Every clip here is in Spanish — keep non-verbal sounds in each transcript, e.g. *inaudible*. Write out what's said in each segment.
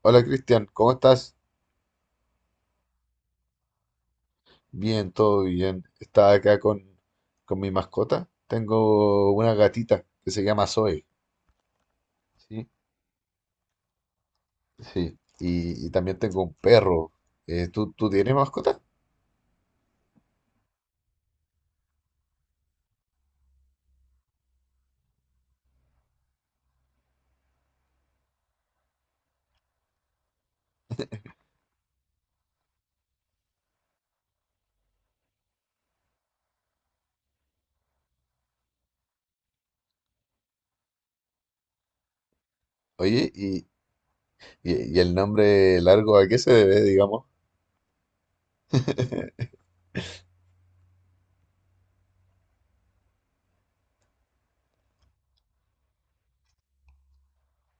Hola Cristian, ¿cómo estás? Bien, todo bien. Estaba acá con mi mascota. Tengo una gatita que se llama Zoe, ¿sí? Sí. Y también tengo un perro. ¿Tú tienes mascota? Oye, y el nombre largo a qué se debe, digamos? *laughs*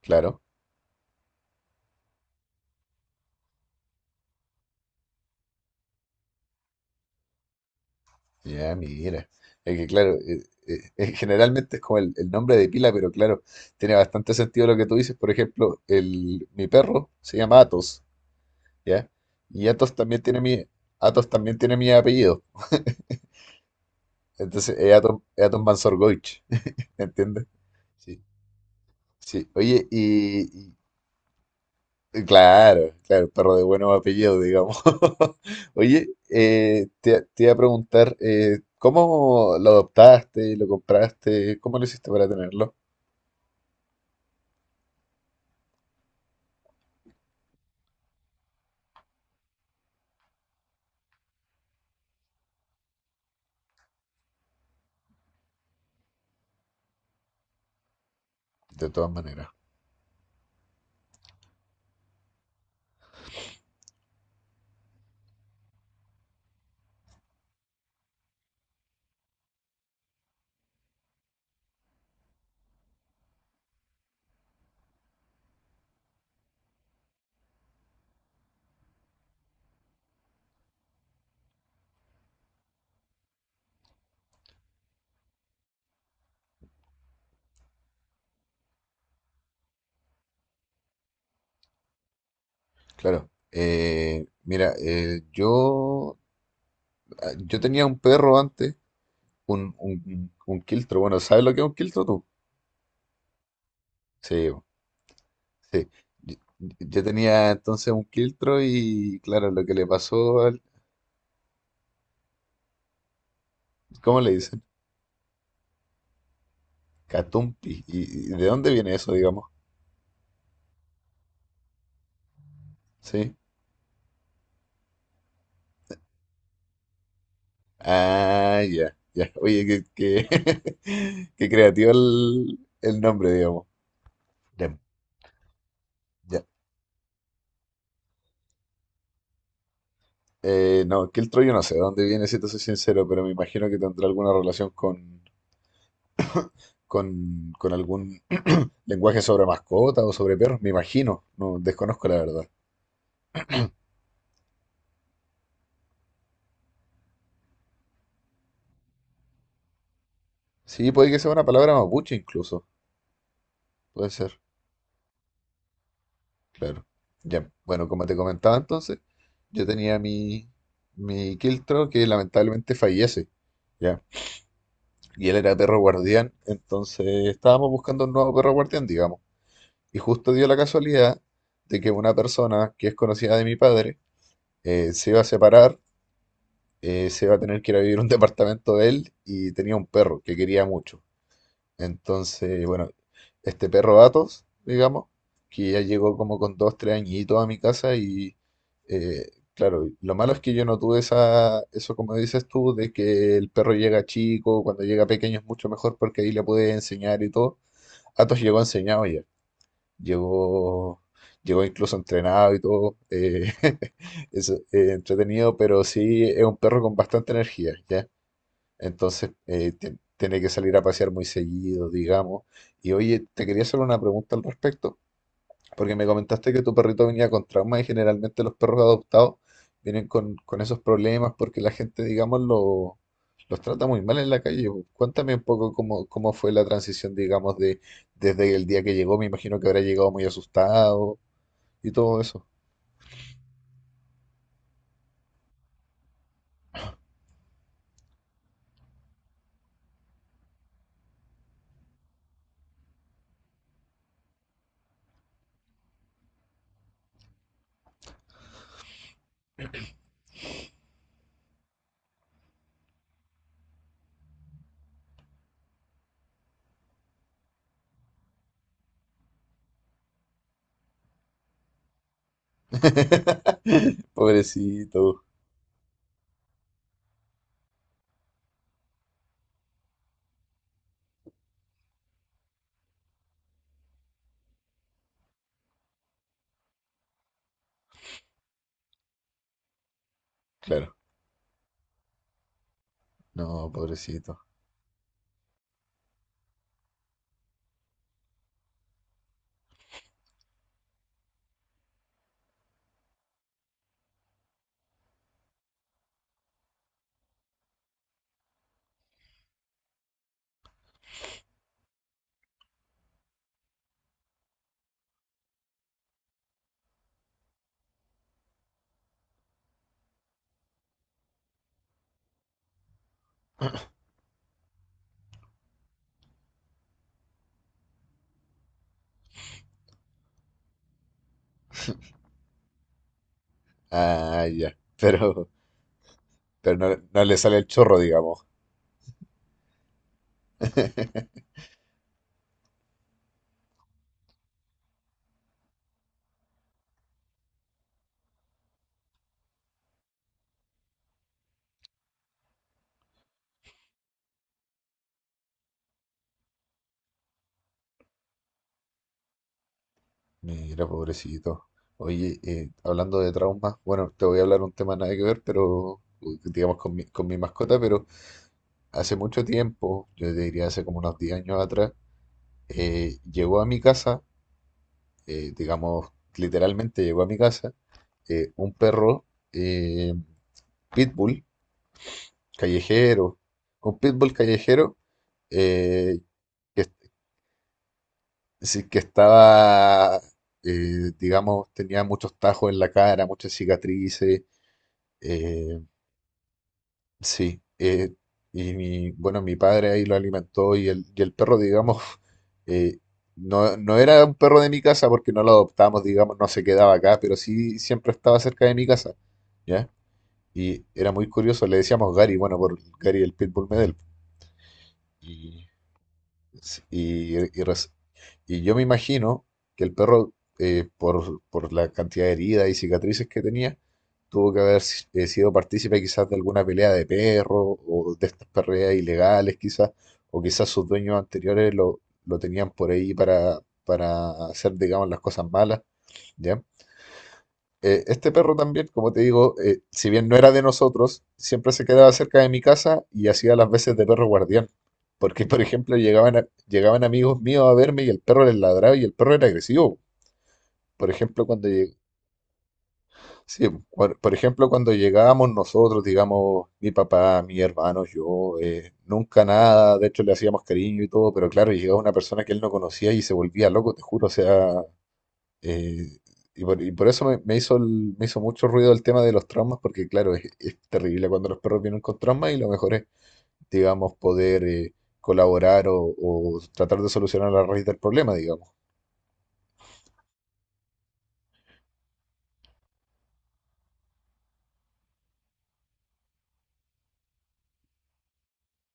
Claro. Ya, mira. Es que claro, generalmente es como el nombre de pila, pero claro, tiene bastante sentido lo que tú dices. Por ejemplo, mi perro se llama Atos. ¿Ya? Y Athos también tiene mi, Athos también tiene mi apellido. Entonces es Athos Mansorgoich. *laughs* ¿me ¿entiendes? Sí, sí. Oye, claro, claro, perro de buenos apellidos, digamos. *laughs* Oye, te iba a preguntar, ¿cómo lo adoptaste, lo compraste? ¿Cómo lo hiciste para tenerlo? De todas maneras, claro. Mira, yo tenía un perro antes, un quiltro. Bueno, ¿sabes lo que es un quiltro tú? Sí, sí. Yo, yo tenía entonces un quiltro y claro, lo que le pasó al. ¿Cómo le dicen? Catumpi. ¿Y de dónde viene eso, digamos? Sí. Ah, ya, ya. Oye, *laughs* qué creativo el nombre, digamos. Ya, ya. No, quiltro yo no sé de dónde viene, si te soy sincero, pero me imagino que tendrá alguna relación con algún *clears throat* lenguaje sobre mascotas o sobre perros, me imagino. No, desconozco la verdad. Sí, puede que sea una palabra mapuche incluso. Puede ser, claro. Ya, bueno, como te comentaba entonces, yo tenía mi Kiltro que lamentablemente fallece, ya. Y él era perro guardián, entonces estábamos buscando un nuevo perro guardián, digamos. Y justo dio la casualidad de que una persona que es conocida de mi padre, se iba a separar, se iba a tener que ir a vivir a un *laughs* departamento de él y tenía un perro que quería mucho. Entonces, bueno, este perro Atos, digamos, que ya llegó como con 2, 3 añitos a mi casa y, eh, claro, lo malo es que yo no tuve eso, como dices tú, de que el perro llega chico, cuando llega pequeño es mucho mejor porque ahí le puedes enseñar y todo. Atos llegó enseñado ya, llegó, llegó incluso entrenado y todo. *laughs* Es, eh, Entretenido, pero sí es un perro con bastante energía, ¿ya? Entonces, tiene que salir a pasear muy seguido, digamos. Y oye, te quería hacer una pregunta al respecto, porque me comentaste que tu perrito venía con trauma y generalmente los perros adoptados vienen con esos problemas porque la gente, digamos, los trata muy mal en la calle. Cuéntame un poco cómo fue la transición, digamos, desde el día que llegó. Me imagino que habrá llegado muy asustado y todo eso. *laughs* Pobrecito. Claro, no, pobrecito. Ah, ya. Pero no, no le sale el chorro, digamos. *laughs* Mira, pobrecito. Oye, hablando de traumas, bueno, te voy a hablar un tema nada que ver, pero digamos con mi mascota, pero hace mucho tiempo, yo te diría hace como unos 10 años atrás, llegó a mi casa, digamos, literalmente llegó a mi casa, un perro, eh, pitbull callejero, un pitbull callejero, eh, que, es decir, que estaba, digamos, tenía muchos tajos en la cara, muchas cicatrices. eh, sí. Y bueno, mi padre ahí lo alimentó. Y el perro, digamos, *laughs* eh, no, no era un perro de mi casa porque no lo adoptamos, digamos, no se quedaba acá, pero sí siempre estaba cerca de mi casa, ¿ya? Y era muy curioso, le decíamos Gary, bueno, por Gary el Pitbull Medel. Sí. Y yo me imagino que el perro, por la cantidad de heridas y cicatrices que tenía, tuvo que haber sido partícipe quizás de alguna pelea de perro o de estas perreras ilegales quizás, o quizás sus dueños anteriores lo tenían por ahí para hacer, digamos, las cosas malas, ¿ya? Este perro también, como te digo, si bien no era de nosotros, siempre se quedaba cerca de mi casa y hacía las veces de perro guardián. Porque, por ejemplo, llegaban amigos míos a verme y el perro les ladraba y el perro era agresivo. Por ejemplo, cuando lleg- Sí, por ejemplo, cuando llegábamos nosotros, digamos, mi papá, mi hermano, yo, nunca nada, de hecho le hacíamos cariño y todo, pero claro, llegaba una persona que él no conocía y se volvía loco, te juro, o sea. Eh, y, por, y por eso me hizo mucho ruido el tema de los traumas, porque claro, es terrible cuando los perros vienen con traumas, y lo mejor es, digamos, poder colaborar o tratar de solucionar la raíz del problema, digamos.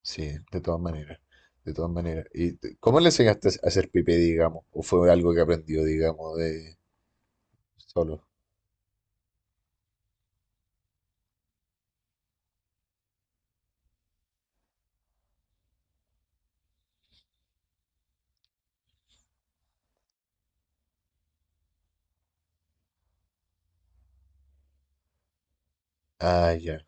Sí, de todas maneras, de todas maneras. Cómo le enseñaste a hacer pipí, digamos? ¿O fue algo que aprendió, digamos, de solo? Ah, ya,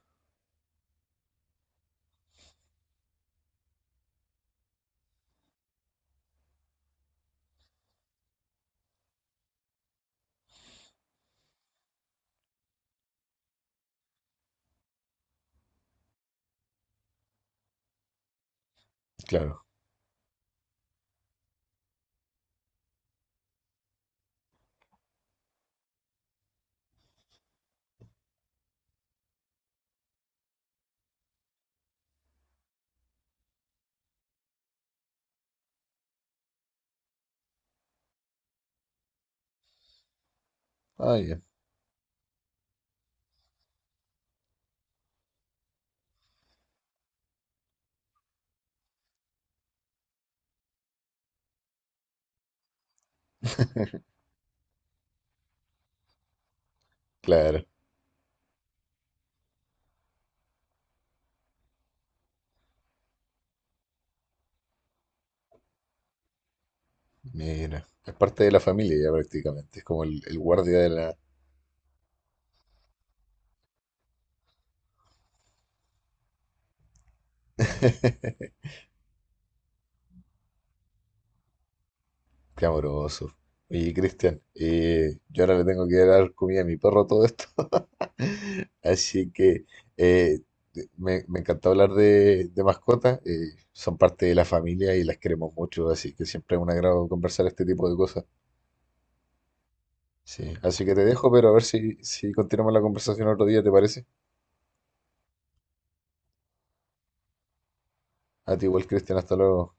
claro. Ah, ya, *laughs* claro. Mira, es parte de la familia ya prácticamente, es como el guardia de la. *laughs* Qué amoroso. Y, Cristian, yo ahora le tengo que dar comida a mi perro, todo esto. *laughs* Así que eh, me encantó hablar de mascotas. Son parte de la familia y las queremos mucho, así que siempre es un agrado conversar este tipo de cosas. Sí, así que te dejo, pero a ver si continuamos la conversación otro día, ¿te parece? A ti igual, Cristian, hasta luego.